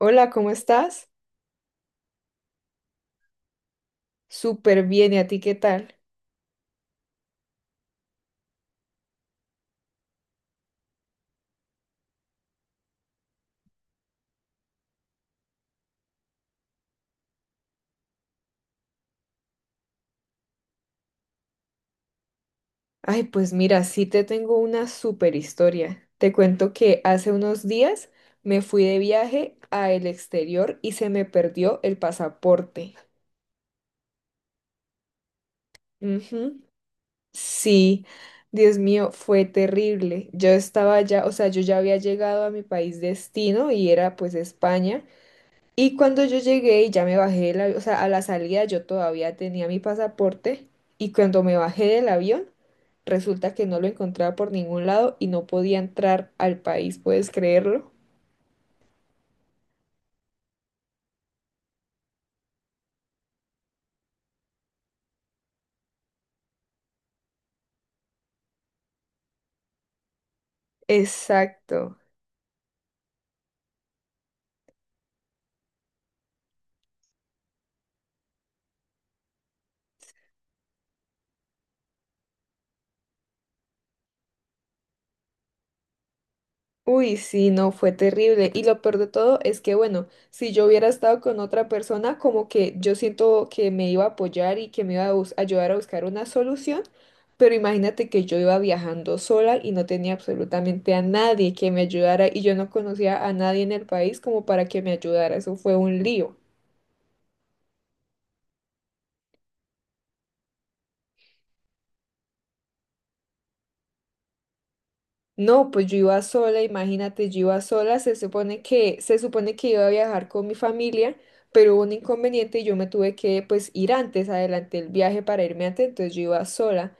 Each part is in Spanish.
Hola, ¿cómo estás? Súper bien, ¿y a ti qué tal? Ay, pues mira, sí te tengo una súper historia. Te cuento que hace unos días me fui de viaje al exterior y se me perdió el pasaporte. Ujú. Sí, Dios mío, fue terrible. Yo estaba ya, o sea, yo ya había llegado a mi país destino y era pues España. Y cuando yo llegué y ya me bajé, o sea, a la salida yo todavía tenía mi pasaporte y cuando me bajé del avión, resulta que no lo encontraba por ningún lado y no podía entrar al país, ¿puedes creerlo? Exacto. Uy, sí, no, fue terrible. Y lo peor de todo es que, bueno, si yo hubiera estado con otra persona, como que yo siento que me iba a apoyar y que me iba a bus- ayudar a buscar una solución, pero imagínate que yo iba viajando sola y no tenía absolutamente a nadie que me ayudara y yo no conocía a nadie en el país como para que me ayudara. Eso fue un lío. No, pues yo iba sola, imagínate, yo iba sola, se supone que iba a viajar con mi familia, pero hubo un inconveniente y yo me tuve que pues ir antes, adelanté el viaje para irme antes, entonces yo iba sola.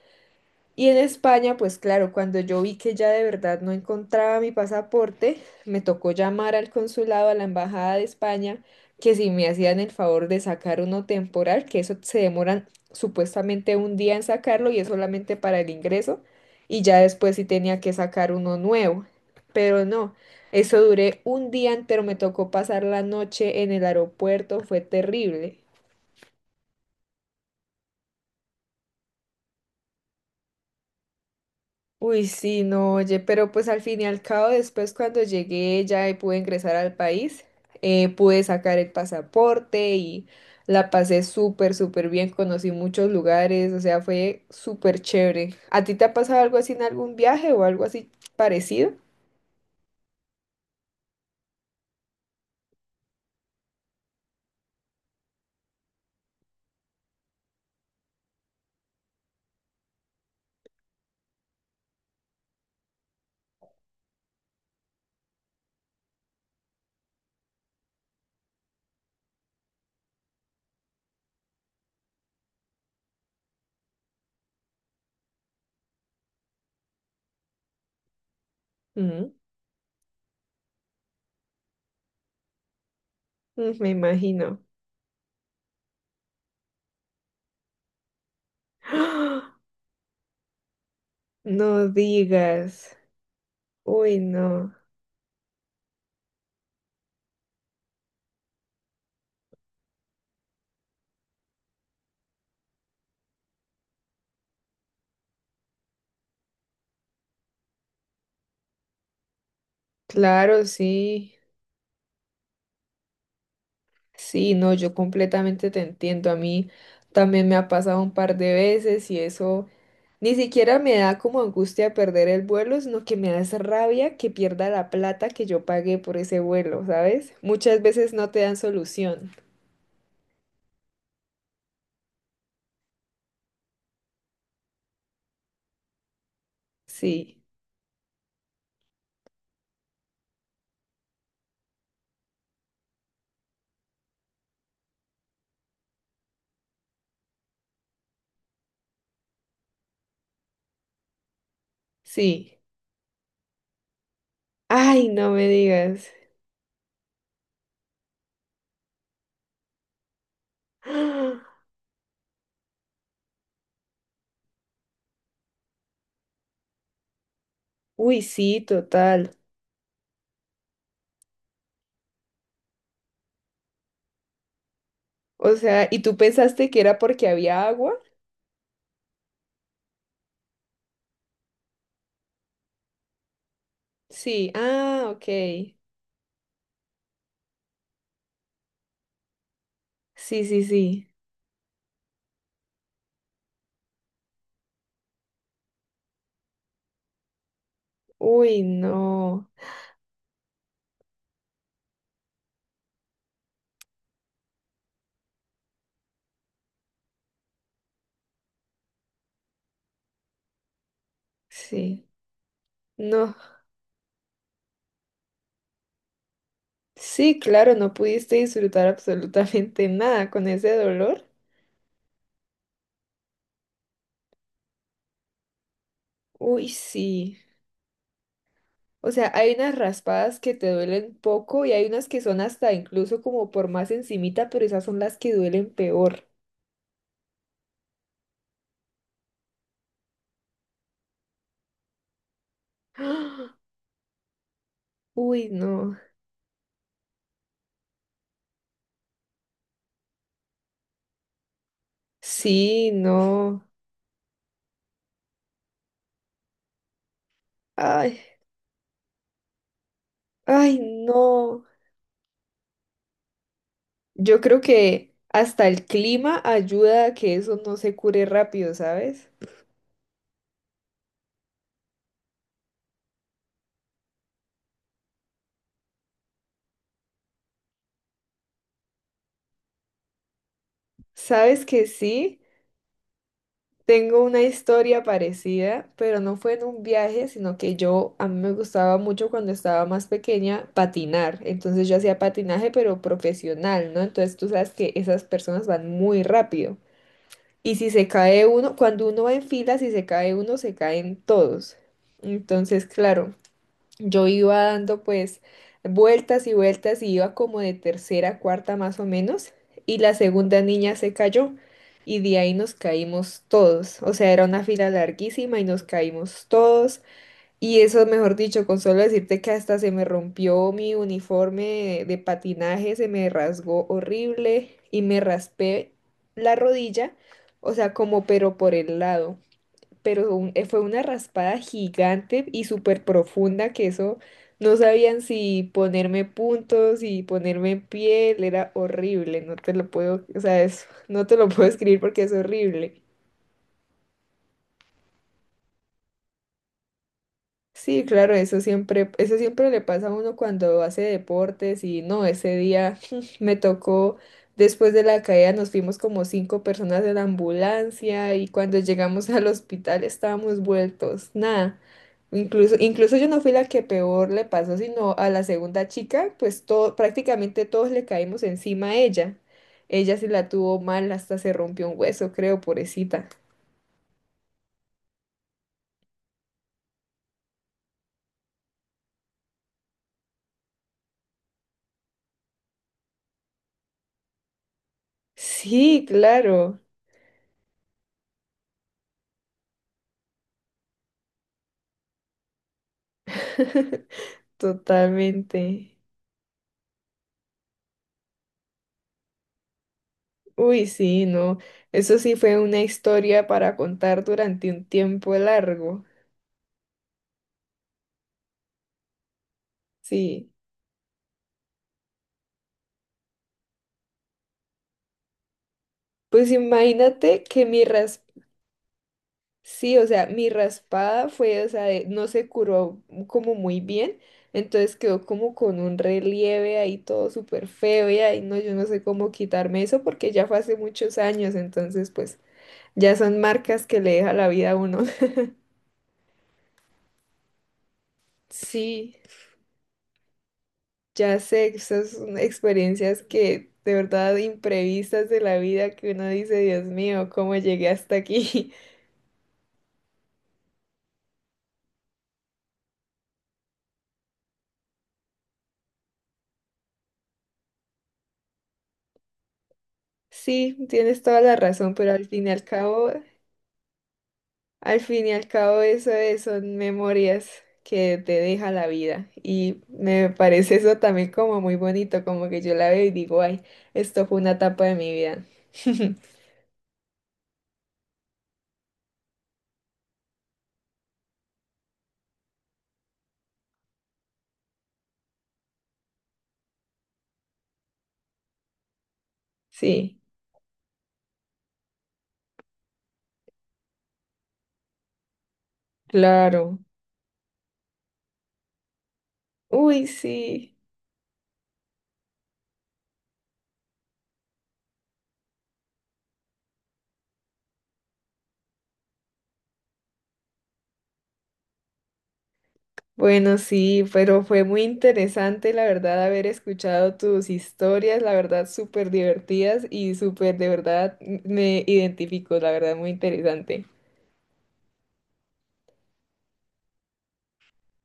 Y en España, pues claro, cuando yo vi que ya de verdad no encontraba mi pasaporte, me tocó llamar al consulado, a la embajada de España, que si me hacían el favor de sacar uno temporal, que eso se demoran supuestamente un día en sacarlo y es solamente para el ingreso, y ya después sí tenía que sacar uno nuevo. Pero no, eso duré un día entero, me tocó pasar la noche en el aeropuerto, fue terrible. Uy, sí, no, oye, pero pues al fin y al cabo, después cuando llegué ya y pude ingresar al país, pude sacar el pasaporte y la pasé súper, súper bien, conocí muchos lugares, o sea, fue súper chévere. ¿A ti te ha pasado algo así en algún viaje o algo así parecido? Mm, mm, me imagino. ¡Ah! No digas. Uy, no. Claro, sí. Sí, no, yo completamente te entiendo. A mí también me ha pasado un par de veces y eso ni siquiera me da como angustia perder el vuelo, sino que me da esa rabia que pierda la plata que yo pagué por ese vuelo, ¿sabes? Muchas veces no te dan solución. Sí, sí. Ay, no me digas. Uy, sí, total. O sea, ¿y tú pensaste que era porque había agua? Sí, ah, ok. Sí, sí, sí. Uy, no. Sí. No. Sí, claro, no pudiste disfrutar absolutamente nada con ese dolor. Uy, sí. O sea, hay unas raspadas que te duelen poco y hay unas que son hasta incluso como por más encimita, pero esas son las que duelen peor. ¡Ah! Uy, no. Sí, no. Ay, ay, no. Yo creo que hasta el clima ayuda a que eso no se cure rápido, ¿sabes? ¿Sabes que sí? Tengo una historia parecida, pero no fue en un viaje, sino que yo, a mí me gustaba mucho cuando estaba más pequeña patinar. Entonces yo hacía patinaje, pero profesional, ¿no? Entonces tú sabes que esas personas van muy rápido. Y si se cae uno, cuando uno va en fila, si se cae uno, se caen todos. Entonces, claro, yo iba dando pues vueltas y vueltas y iba como de tercera a cuarta más o menos y la segunda niña se cayó y de ahí nos caímos todos. O sea, era una fila larguísima y nos caímos todos y eso, mejor dicho, con solo decirte que hasta se me rompió mi uniforme de patinaje, se me rasgó horrible y me raspé la rodilla, o sea, como pero por el lado pero fue una raspada gigante y súper profunda que eso no sabían si ponerme puntos, si ponerme en piel, era horrible, no te lo puedo, o sea, no te lo puedo escribir porque es horrible. Sí, claro, eso siempre le pasa a uno cuando hace deportes y no, ese día me tocó, después de la caída nos fuimos como cinco personas de la ambulancia y cuando llegamos al hospital estábamos vueltos, nada. Incluso, incluso yo no fui la que peor le pasó, sino a la segunda chica, pues todo, prácticamente todos le caímos encima a ella. Ella sí la tuvo mal, hasta se rompió un hueso, creo, pobrecita. Sí, claro. Totalmente. Uy, sí, no. Eso sí fue una historia para contar durante un tiempo largo. Sí. Pues imagínate que mi ras... Sí, o sea, mi raspada fue, o sea, de- no se curó como muy bien. Entonces quedó como con un relieve ahí todo súper feo y ahí no, yo no sé cómo quitarme eso porque ya fue hace muchos años. Entonces, pues ya son marcas que le deja la vida a uno. Sí. Ya sé, esas son experiencias que de verdad imprevistas de la vida que uno dice, Dios mío, ¿cómo llegué hasta aquí? Sí, tienes toda la razón, pero al fin y al cabo, al fin y al cabo son memorias que te deja la vida y me parece eso también como muy bonito, como que yo la veo y digo, ay, esto fue una etapa de mi vida. Sí, claro. Uy, sí. Bueno, sí, pero fue muy interesante, la verdad, haber escuchado tus historias, la verdad, súper divertidas y súper, de verdad, me identifico, la verdad, muy interesante.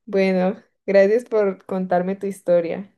Bueno, gracias por contarme tu historia.